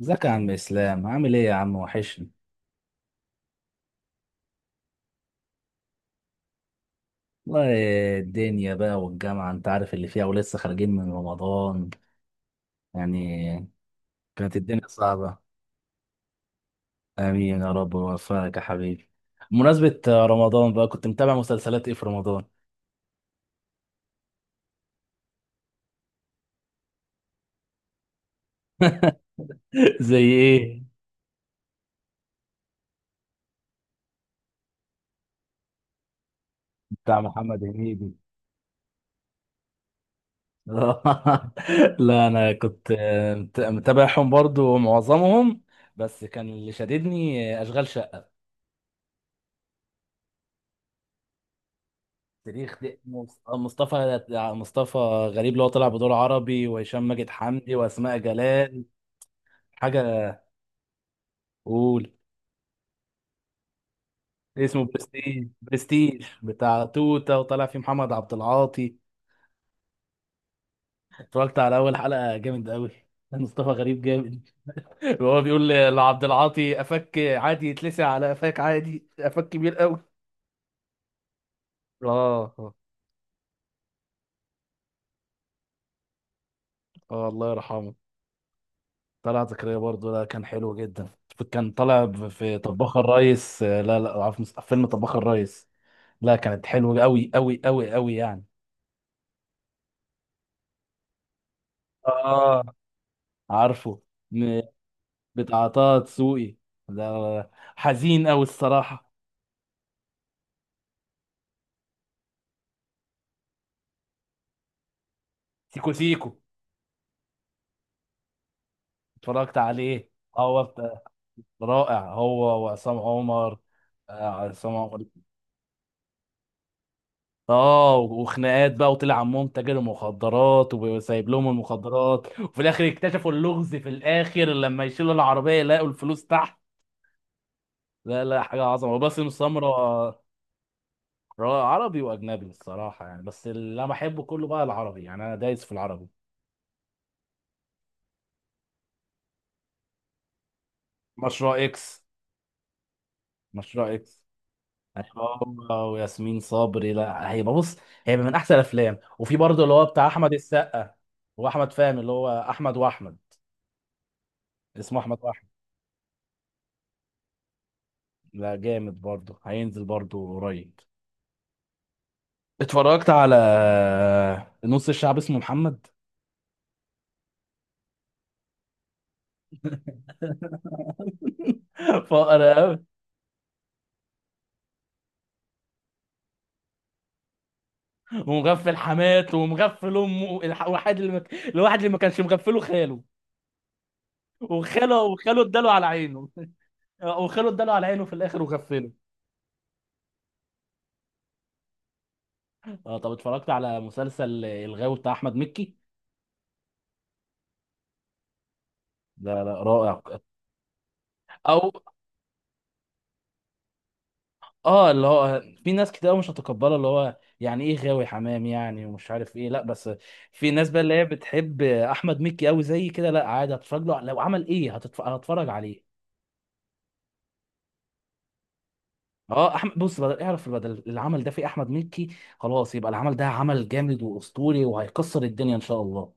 ازيك يا عم اسلام؟ عامل ايه يا عم؟ وحشني والله. الدنيا بقى والجامعه انت عارف اللي فيها، ولسه خارجين من رمضان، يعني كانت الدنيا صعبه. امين يا رب ويوفقك يا حبيبي. بمناسبة رمضان بقى، كنت متابع مسلسلات ايه في رمضان؟ زي ايه؟ بتاع محمد هنيدي. لا انا كنت متابعهم برضو معظمهم، بس كان اللي شددني اشغال شقه. تاريخ دي مصطفى، مصطفى غريب، اللي هو طلع بدور عربي، وهشام ماجد، حمدي، واسماء جلال. حاجه؟ قول. اسمه برستيج، برستيج بتاع توته، وطلع فيه محمد عبد العاطي. اتفرجت على اول حلقه، جامد قوي، مصطفى غريب جامد. وهو بيقول لعبد العاطي قفاك عادي يتلسع، على قفاك عادي، قفاك كبير قوي. اه اه. الله يرحمه، طلعت زكريا برضه ده كان حلو جدا. كان طالع في طباخ الريس، لا لا، عارف فيلم طباخ الريس؟ لا كانت حلوة أوي أوي أوي أوي يعني. اه، عارفه. م- بتاع طه دسوقي ده، حزين أوي الصراحة. سيكو سيكو اتفرجت عليه. هو بت- رائع هو وعصام عمر. عصام عمر. اه، وخناقات بقى، وطلع عمهم تاجر مخدرات، وسايب لهم المخدرات، وفي الاخر اكتشفوا اللغز، في الاخر لما يشيلوا العربيه يلاقوا الفلوس تحت. لا لا، حاجه عظمه، وباسم سمره. عربي واجنبي الصراحه يعني، بس اللي انا بحبه كله بقى العربي، يعني انا دايس في العربي. مشروع اكس. مشروع اكس. هيبقى هو وياسمين صبري، لا هيبقى بص، هيبقى من احسن الافلام. وفي برضه اللي هو بتاع احمد السقا واحمد فهمي، اللي هو احمد واحمد. اسمه احمد واحمد. لا جامد، برضه هينزل برضه قريب. اتفرجت على نص الشعب اسمه محمد. فقر قوي. ومغفل حماته، ومغفل امه، الواحد اللي الواحد اللي ما كانش مغفله خاله، وخاله، وخاله اداله على عينه. وخاله اداله على عينه في الاخر وغفله. اه، طب اتفرجت على مسلسل الغاوي بتاع احمد مكي؟ لا لا، رائع. او اه، اللي هو في ناس كتير مش هتقبله، اللي هو يعني ايه غاوي حمام يعني، ومش عارف ايه، لا بس في ناس بقى اللي هي بتحب احمد مكي قوي زي كده، لا عادي، هتفرج له لو عمل ايه، هتفرج عليه. اه، احمد بص، بدل اعرف بدل العمل ده في احمد مكي، خلاص يبقى العمل ده عمل جامد واسطوري، وهيكسر الدنيا ان شاء الله.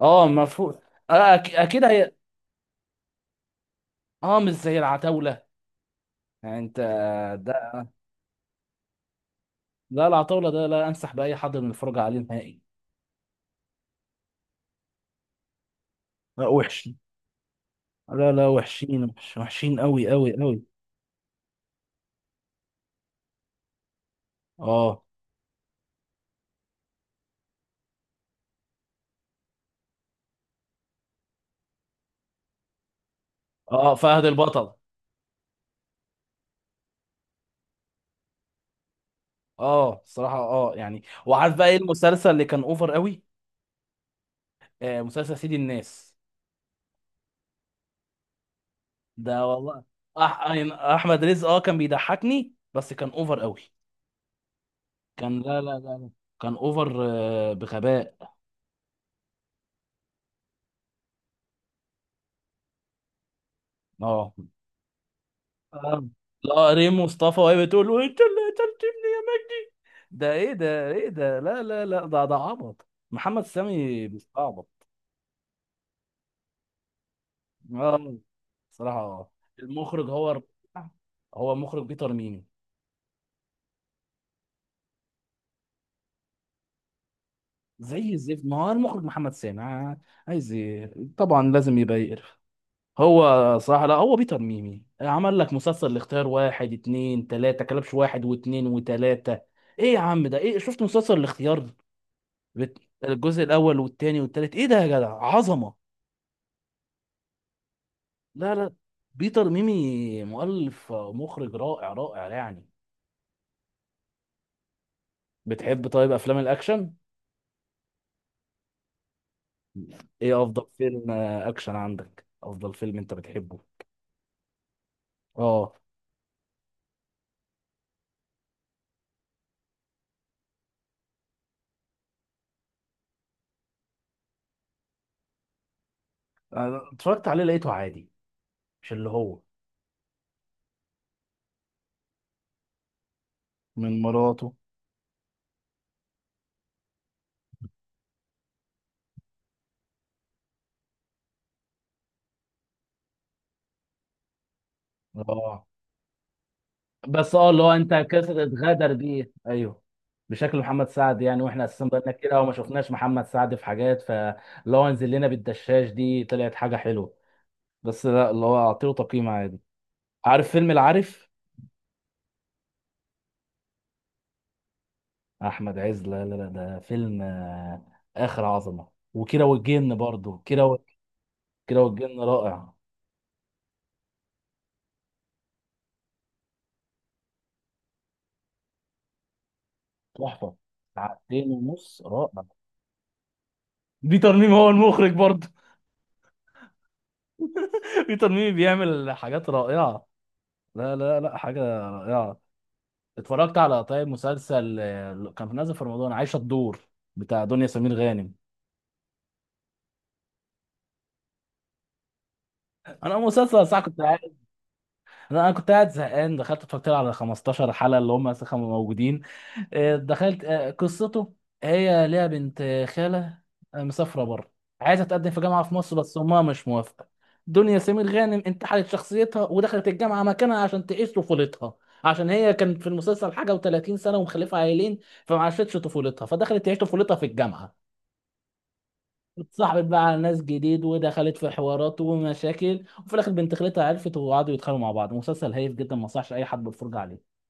اه، مفهوم. اكيد هي. اه، مش زي العتاوله، يعني انت، ده لا العتاوله ده لا انصح باي حد من الفرجه عليه نهائي. لا وحش. لا وحشين، وحشين قوي قوي قوي. اه اه، فهد البطل. اه الصراحه، اه يعني، وعارف بقى ايه المسلسل اللي كان اوفر قوي؟ آه، مسلسل سيد الناس. ده والله احمد رزق اه كان بيضحكني، بس كان اوفر قوي. كان لا لا لا لا. كان اوفر بغباء. اه اه. لا ريم مصطفى وهي بتقول "وانت اللي قتلت ابني يا مجدي"، ده ايه ده، ايه ده، لا، ده ده عبط، محمد سامي بيستعبط. اه، صراحة اه. المخرج هو، هو مخرج بيتر ميمي. زي الزفت، ما هو المخرج محمد سامي، عايز ايه؟ طبعا لازم يبقى يقرف. هو صراحة، لا هو بيتر ميمي عمل لك مسلسل الاختيار واحد اتنين تلاتة، كلبش واحد واتنين وتلاتة. ايه يا عم ده؟ ايه، شفت مسلسل الاختيار؟ بت- الجزء الاول والتاني والتالت، ايه ده يا جدع، عظمه. لا، بيتر ميمي مؤلف مخرج رائع، رائع يعني. بتحب طيب افلام الاكشن؟ ايه افضل فيلم اكشن عندك، افضل فيلم انت بتحبه؟ اه، أنا اتفرجت عليه، لقيته عادي. مش اللي هو من مراته؟ اه بس اه اللي هو انت كسر اتغدر بيه، ايوه. بشكل محمد سعد يعني، واحنا اساسا بقالنا كتير قوي ما شفناش محمد سعد في حاجات، فلو انزل لنا بالدشاش دي طلعت حاجه حلوه، بس لا اللي هو اعطيه تقييم عادي. عارف فيلم العارف؟ احمد عز، لا، ده فيلم اخر عظمه. وكيرة والجن برضو، كيرة كيرة والجن رائع. تحفه، ساعتين ونص، رائع. بيتر ميمي هو المخرج برضو. بيتر ميمي بيعمل حاجات رائعه. لا، حاجه رائعه. اتفرجت على طيب مسلسل كان نازل في رمضان، عايشه الدور، بتاع دنيا سمير غانم؟ انا مسلسل ساعه كنت، انا كنت قاعد زهقان، دخلت اتفرجت له على 15 حلقه اللي هم لسه كانوا موجودين. دخلت، قصته، هي ليها بنت خاله مسافره بره، عايزه تقدم في جامعه في مصر، بس امها مش موافقه. دنيا سمير غانم انتحلت شخصيتها ودخلت الجامعه مكانها عشان تعيش طفولتها، عشان هي كانت في المسلسل حاجه و30 سنه ومخلفه عيلين، فما عاشتش طفولتها، فدخلت تعيش طفولتها في الجامعه. اتصاحبت بقى على ناس جديد، ودخلت في حوارات ومشاكل، وفي الاخر بنت خالتها عرفت، وقعدوا يتخانقوا مع بعض. مسلسل هايف جدا، ما انصحش اي حد بالفرجه عليه.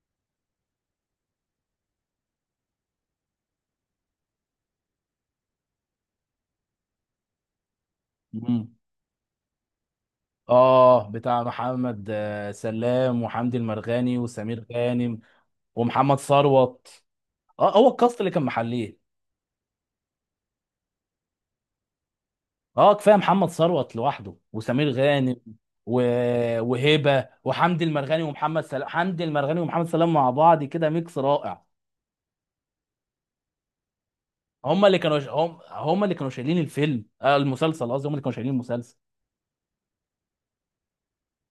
مم. اه، بتاع محمد سلام، وحمدي المرغني، وسمير غانم، ومحمد ثروت. اه، هو الكاست اللي كان محليه. اه، كفايه محمد ثروت لوحده وسمير غانم و... وهبه وحمدي المرغني ومحمد سلام، حمدي المرغني ومحمد سلام مع بعض كده ميكس رائع. هم اللي كانوا هم اللي كانوا شايلين الفيلم، آه المسلسل قصدي، هم اللي كانوا شايلين المسلسل.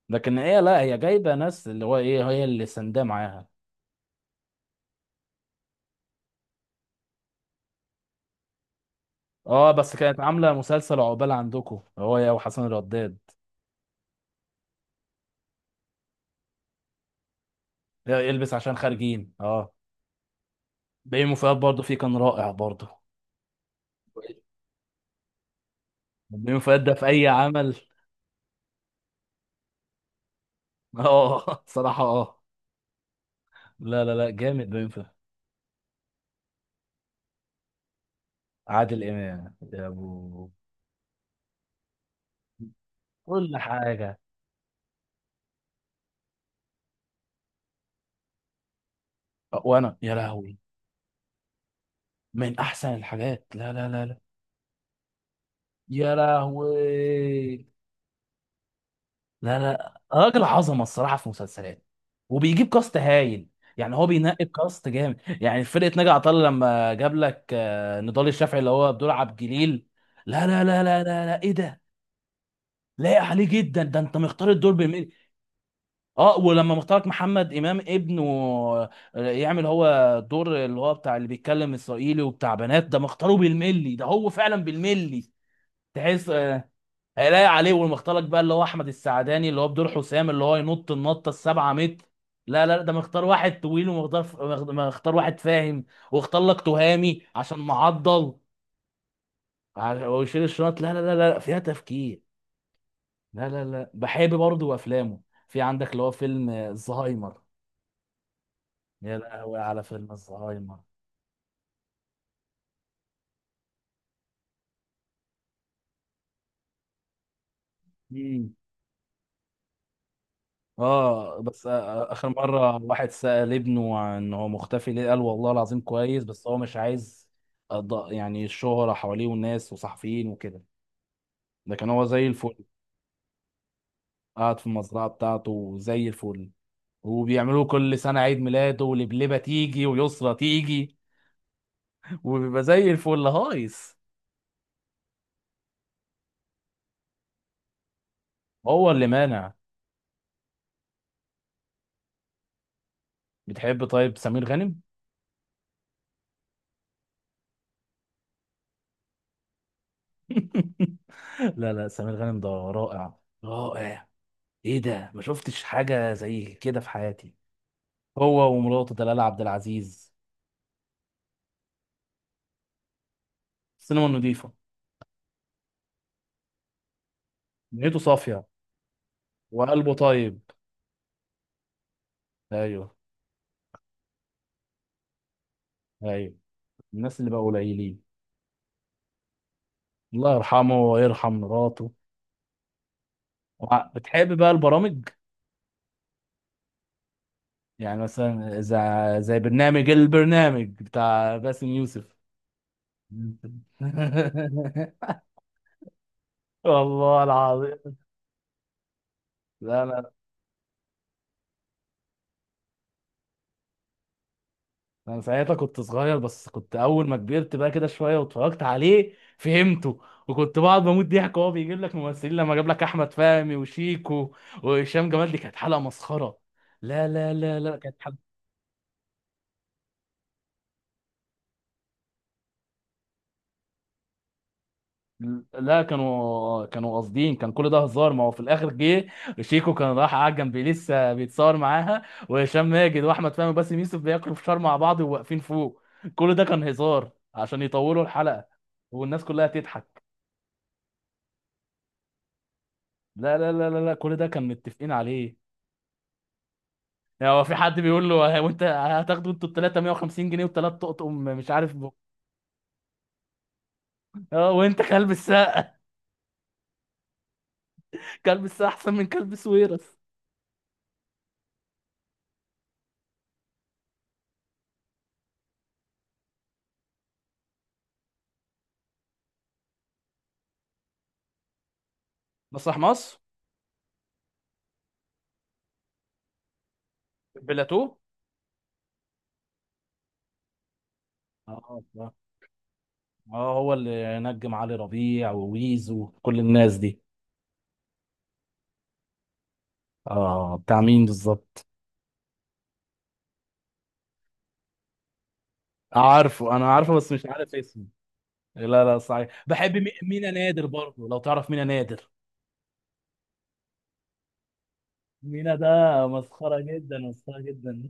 لكن هي لا هي جايبه ناس اللي هو ايه، هي اللي سنداه معاها. اه، بس كانت عامله مسلسل عقبال عندكم هو يا، وحسن الرداد، البس عشان خارجين. اه، بيومي فؤاد برضه فيه، كان رائع برضه. بيومي فؤاد ده في اي عمل. اه، صراحه اه. لا، جامد بيومي فؤاد. عادل امام، يا ابو، كل حاجه. وانا يا لهوي، من احسن الحاجات. لا، يا لهوي. لا، راجل عظمه الصراحه، في مسلسلات، وبيجيب كاست هايل. يعني هو بينقي الكاست جامد، يعني فرقه ناجي عطا الله، لما جاب لك نضال الشافعي اللي هو بدور عبد الجليل، لا ايه ده، لايق عليه جدا، ده انت مختار الدور بمين. اه، ولما مختارك محمد امام ابنه يعمل هو دور اللي هو بتاع اللي بيتكلم اسرائيلي وبتاع بنات، ده مختاره بالملي، ده هو فعلا بالملي. تحس هيلاقي عليه. والمختلط بقى اللي هو احمد السعداني اللي هو بدور حسام، اللي هو ينط النطه السبعة متر، لا، ده مختار واحد طويل، ومختار، مختار واحد فاهم، واختار لك تهامي عشان معضل ويشيل الشنط، لا لا، فيها تفكير. لا، بحب برضه افلامه. في عندك اللي هو فيلم الزهايمر، يا لهوي على فيلم الزهايمر. مم. اه بس اخر مره واحد سأل ابنه عن هو مختفي ليه، قال والله العظيم كويس، بس هو مش عايز، يعني الشهره حواليه والناس وصحفيين وكده، لكن هو زي الفل، قاعد في المزرعه بتاعته زي الفل، وبيعملوا كل سنه عيد ميلاده، ولبلبه تيجي ويسرى تيجي، وبيبقى زي الفل هايص. هو اللي مانع. بتحب طيب سمير غانم؟ لا لا، سمير غانم ده رائع رائع. ايه ده، ما شفتش حاجه زي كده في حياتي. هو ومراته دلال عبد العزيز، السينما نضيفة، نيته صافية، وقلبه طيب. ايوه. ايوه. الناس اللي بقى قليلين. الله يرحمه ويرحم مراته. بتحب بقى البرامج؟ يعني مثلا زي برنامج البرنامج بتاع باسم يوسف. والله العظيم. لا انا ساعتها كنت صغير، بس كنت اول ما كبرت بقى كده شويه واتفرجت عليه، فهمته، وكنت بقعد بموت ضحك. وهو بيجيب لك ممثلين، لما جاب لك احمد فهمي وشيكو وهشام جمال، دي كانت حلقه مسخره. لا كانت حلقه. لا كانوا قاصدين، كان كل ده هزار، ما هو في الاخر جه شيكو كان راح قاعد جنبي لسه بيتصور معاها، وهشام ماجد واحمد فهمي وباسم يوسف بياكلوا فشار مع بعض وواقفين فوق، كل ده كان هزار عشان يطولوا الحلقه والناس كلها تضحك. لا، كل ده كان متفقين عليه. يعني هو في حد بيقول له وانت هتاخدوا انتوا التلاتة 150 جنيه وثلاث تقطقم مش عارف اه، وانت كلب الساعة، كلب الساعة احسن من كلب سويرس. مسرح مصر. بلاتو. اه اه، هو اللي نجم علي ربيع وويز وكل الناس دي. اه، بتاع مين بالظبط؟ عارفه، انا عارفه بس مش عارف اسمه. لا لا، صحيح، بحب مينا نادر برضه، لو تعرف مينا نادر. مينا ده مسخرة جدا، مسخرة جدا.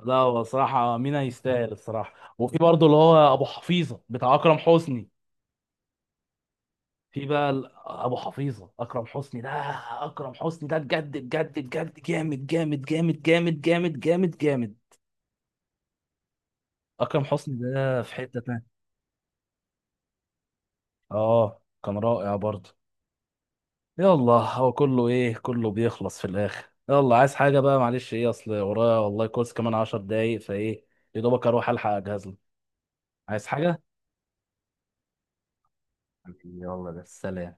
لا هو صراحة مينا يستاهل الصراحة. وفي برضه اللي هو أبو حفيظة بتاع أكرم حسني. في بقى أبو حفيظة، أكرم حسني ده، أكرم حسني ده بجد بجد بجد جامد جامد جامد جامد جامد جامد جامد. أكرم حسني ده في حتة تانية. آه، كان رائع برضه. يلا هو كله إيه، كله بيخلص في الآخر. يلا عايز حاجة بقى؟ معلش، إيه أصل ورايا والله كورس كمان عشر دقايق، فإيه يا دوبك أروح ألحق أجهز لك. عايز حاجة؟ يلا بس، سلام.